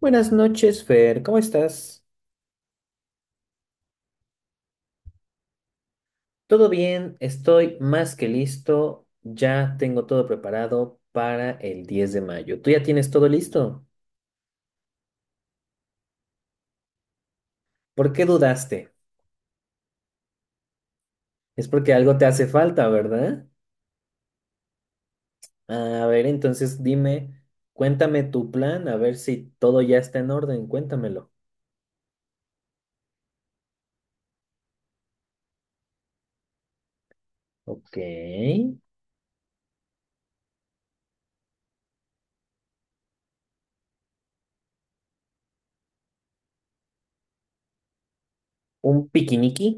Buenas noches, Fer. ¿Cómo estás? ¿Todo bien? Estoy más que listo. Ya tengo todo preparado para el 10 de mayo. ¿Tú ya tienes todo listo? ¿Por qué dudaste? Es porque algo te hace falta, ¿verdad? A ver, entonces dime, cuéntame tu plan, a ver si todo ya está en orden. Cuéntamelo. Ok. ¿Un piquiniqui?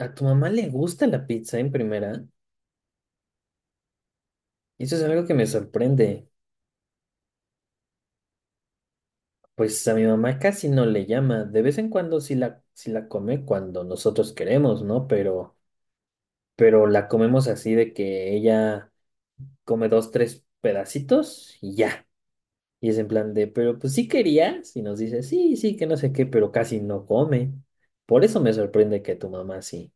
¿A tu mamá le gusta la pizza en primera? Eso es algo que me sorprende. Pues a mi mamá casi no le llama. De vez en cuando sí la come cuando nosotros queremos, ¿no? Pero la comemos así de que ella come dos, tres pedacitos y ya. Y es en plan de, pero pues sí querías. Y nos dice, sí, sí, que no sé qué, pero casi no come. Por eso me sorprende que tu mamá sí.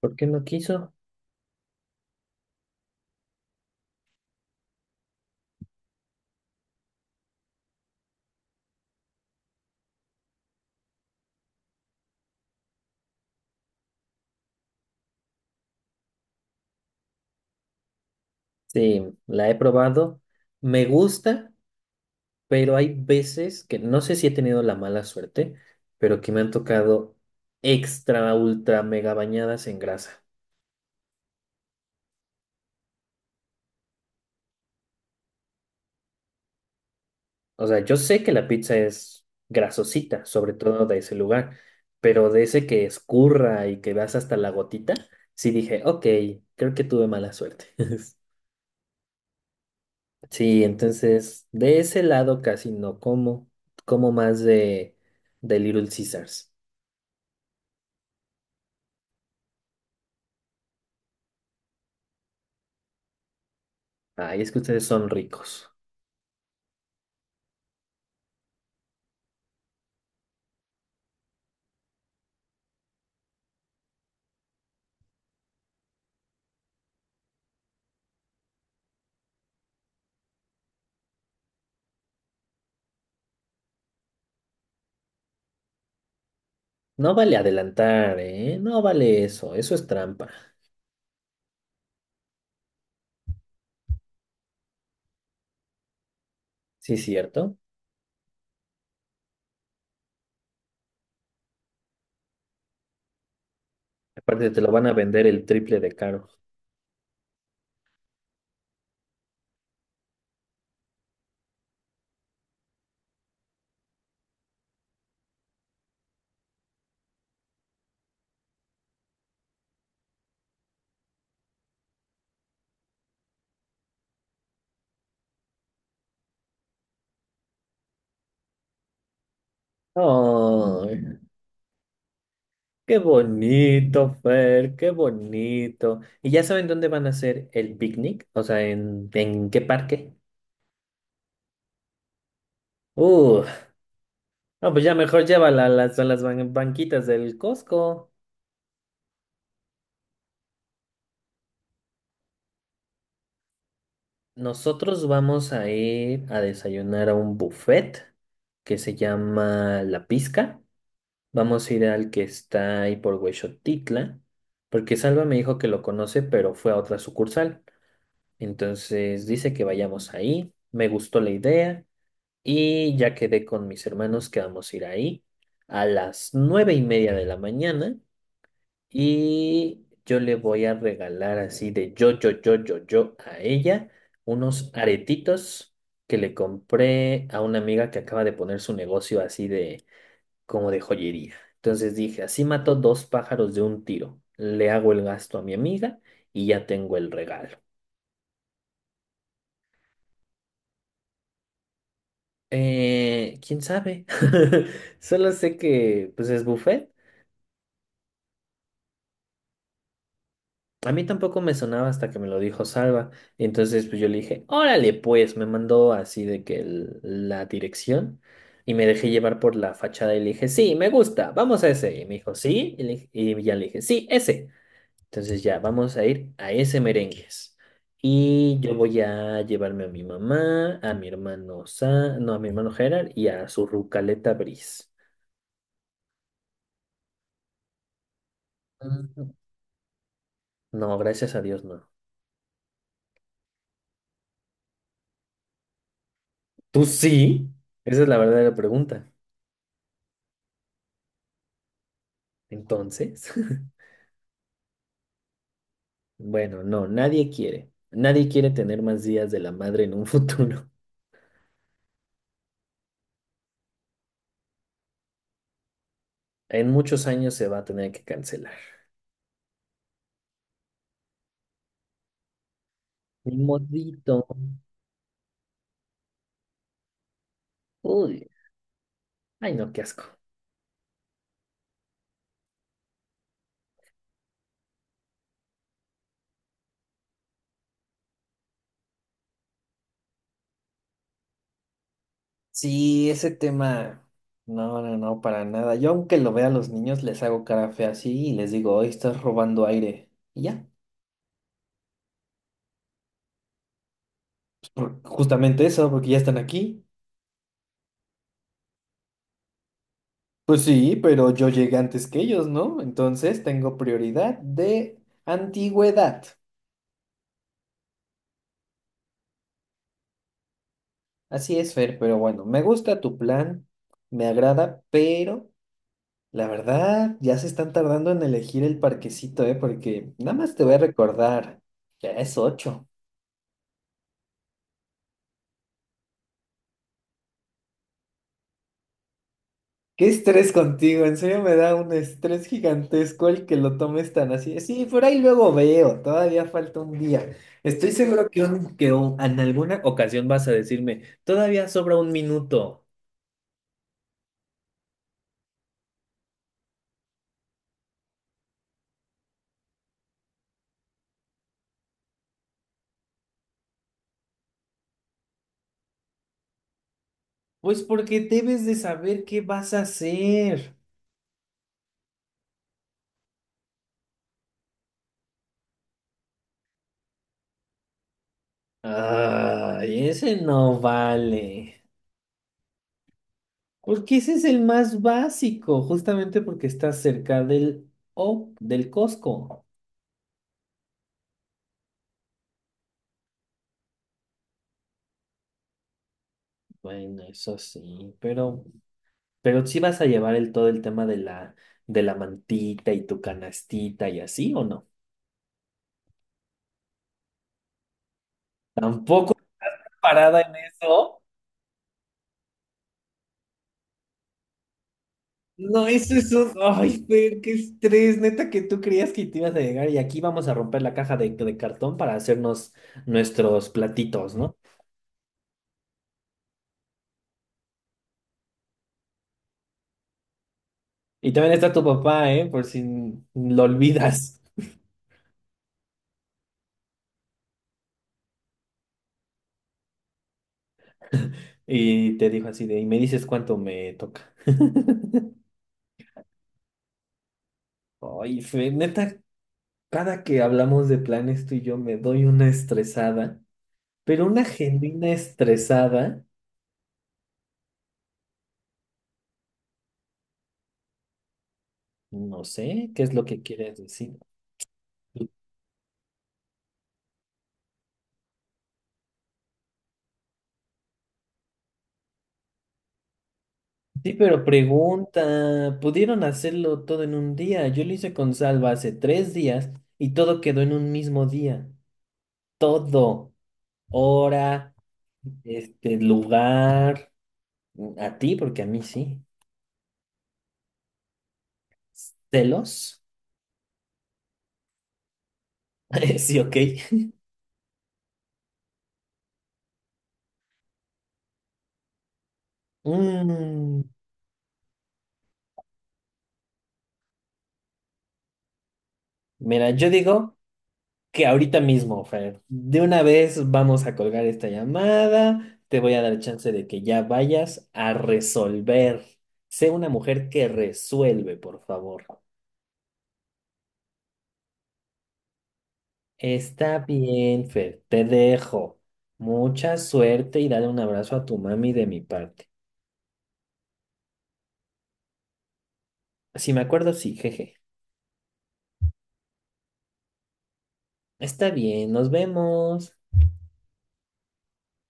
¿Por qué no quiso? Sí, la he probado. Me gusta, pero hay veces que no sé si he tenido la mala suerte, pero que me han tocado extra, ultra, mega bañadas en grasa. O sea, yo sé que la pizza es grasosita, sobre todo de ese lugar, pero de ese que escurra y que vas hasta la gotita, sí dije, ok, creo que tuve mala suerte. Sí, entonces de ese lado casi no como, como más de Little Caesars. Ay, es que ustedes son ricos. No vale adelantar, ¿eh? No vale eso, eso es trampa. Sí, cierto. Aparte te lo van a vender el triple de caro. Oh, qué bonito, Fer, qué bonito. ¿Y ya saben dónde van a hacer el picnic? O sea, en qué parque? Uh, no, pues ya mejor llévala a las, a las banquitas del Costco. Nosotros vamos a ir a desayunar a un buffet que se llama La Pizca. Vamos a ir al que está ahí por Huexotitla, porque Salva me dijo que lo conoce, pero fue a otra sucursal. Entonces dice que vayamos ahí. Me gustó la idea y ya quedé con mis hermanos que vamos a ir ahí a las 9:30 de la mañana y yo le voy a regalar así de yo, yo, yo, yo, yo a ella unos aretitos que le compré a una amiga que acaba de poner su negocio así de como de joyería. Entonces dije, así mato dos pájaros de un tiro. Le hago el gasto a mi amiga y ya tengo el regalo. ¿Quién sabe? Solo sé que pues es buffet. A mí tampoco me sonaba hasta que me lo dijo Salva. Entonces pues yo le dije, órale pues, me mandó así de que la dirección y me dejé llevar por la fachada y le dije, sí, me gusta, vamos a ese. Y me dijo, sí, y ya le dije, sí, ese. Entonces ya, vamos a ir a ese merengues. Y yo voy a llevarme a mi mamá, a mi hermano Sa, no, a mi hermano Gerard y a su Rucaleta Briz. Mm. No, gracias a Dios, no. ¿Tú sí? Esa es la verdadera pregunta. Entonces, bueno, no, nadie quiere. Nadie quiere tener más días de la madre en un futuro. En muchos años se va a tener que cancelar. Ni modito. Uy, ay no, qué asco. Sí, ese tema, no, no, no, para nada. Yo aunque lo vea a los niños, les hago cara fea así y les digo, hoy estás robando aire. Y ya, pues, justamente eso, porque ya están aquí. Pues sí, pero yo llegué antes que ellos, ¿no? Entonces tengo prioridad de antigüedad. Así es, Fer, pero bueno, me gusta tu plan, me agrada, pero la verdad ya se están tardando en elegir el parquecito, ¿eh? Porque nada más te voy a recordar, ya es 8. Qué estrés contigo, en serio me da un estrés gigantesco el que lo tomes tan así. Sí, por ahí luego veo, todavía falta un día. Estoy seguro que en alguna ocasión vas a decirme, todavía sobra un minuto. Pues porque debes de saber qué vas a hacer. Ay, ese no vale. Porque ese es el más básico, justamente porque está cerca del, o del Costco. Bueno, eso sí, pero... Pero sí vas a llevar el todo el tema de la, mantita y tu canastita y así, ¿o no? Tampoco parada en eso. No, eso es un... Ay, Fer, qué estrés, neta, que tú creías que te ibas a llegar y aquí vamos a romper la caja de cartón para hacernos nuestros platitos, ¿no? Y también está tu papá, ¿eh? Por si lo olvidas. Y te dijo así de, y me dices cuánto me toca. Ay, Fer, neta, cada que hablamos de planes tú y yo me doy una estresada, pero una genuina estresada, no sé qué es lo que quieres decir. Sí, pero pregunta, pudieron hacerlo todo en un día. Yo lo hice con Salva hace 3 días y todo quedó en un mismo día. Todo, hora, este lugar, a ti, porque a mí sí. Celos, sí, ok. Mm, mira, yo digo que ahorita mismo, Fer. De una vez vamos a colgar esta llamada. Te voy a dar chance de que ya vayas a resolver. Sé una mujer que resuelve, por favor. Está bien, Fer. Te dejo. Mucha suerte y dale un abrazo a tu mami de mi parte. Si me acuerdo, sí, jeje. Está bien, nos vemos.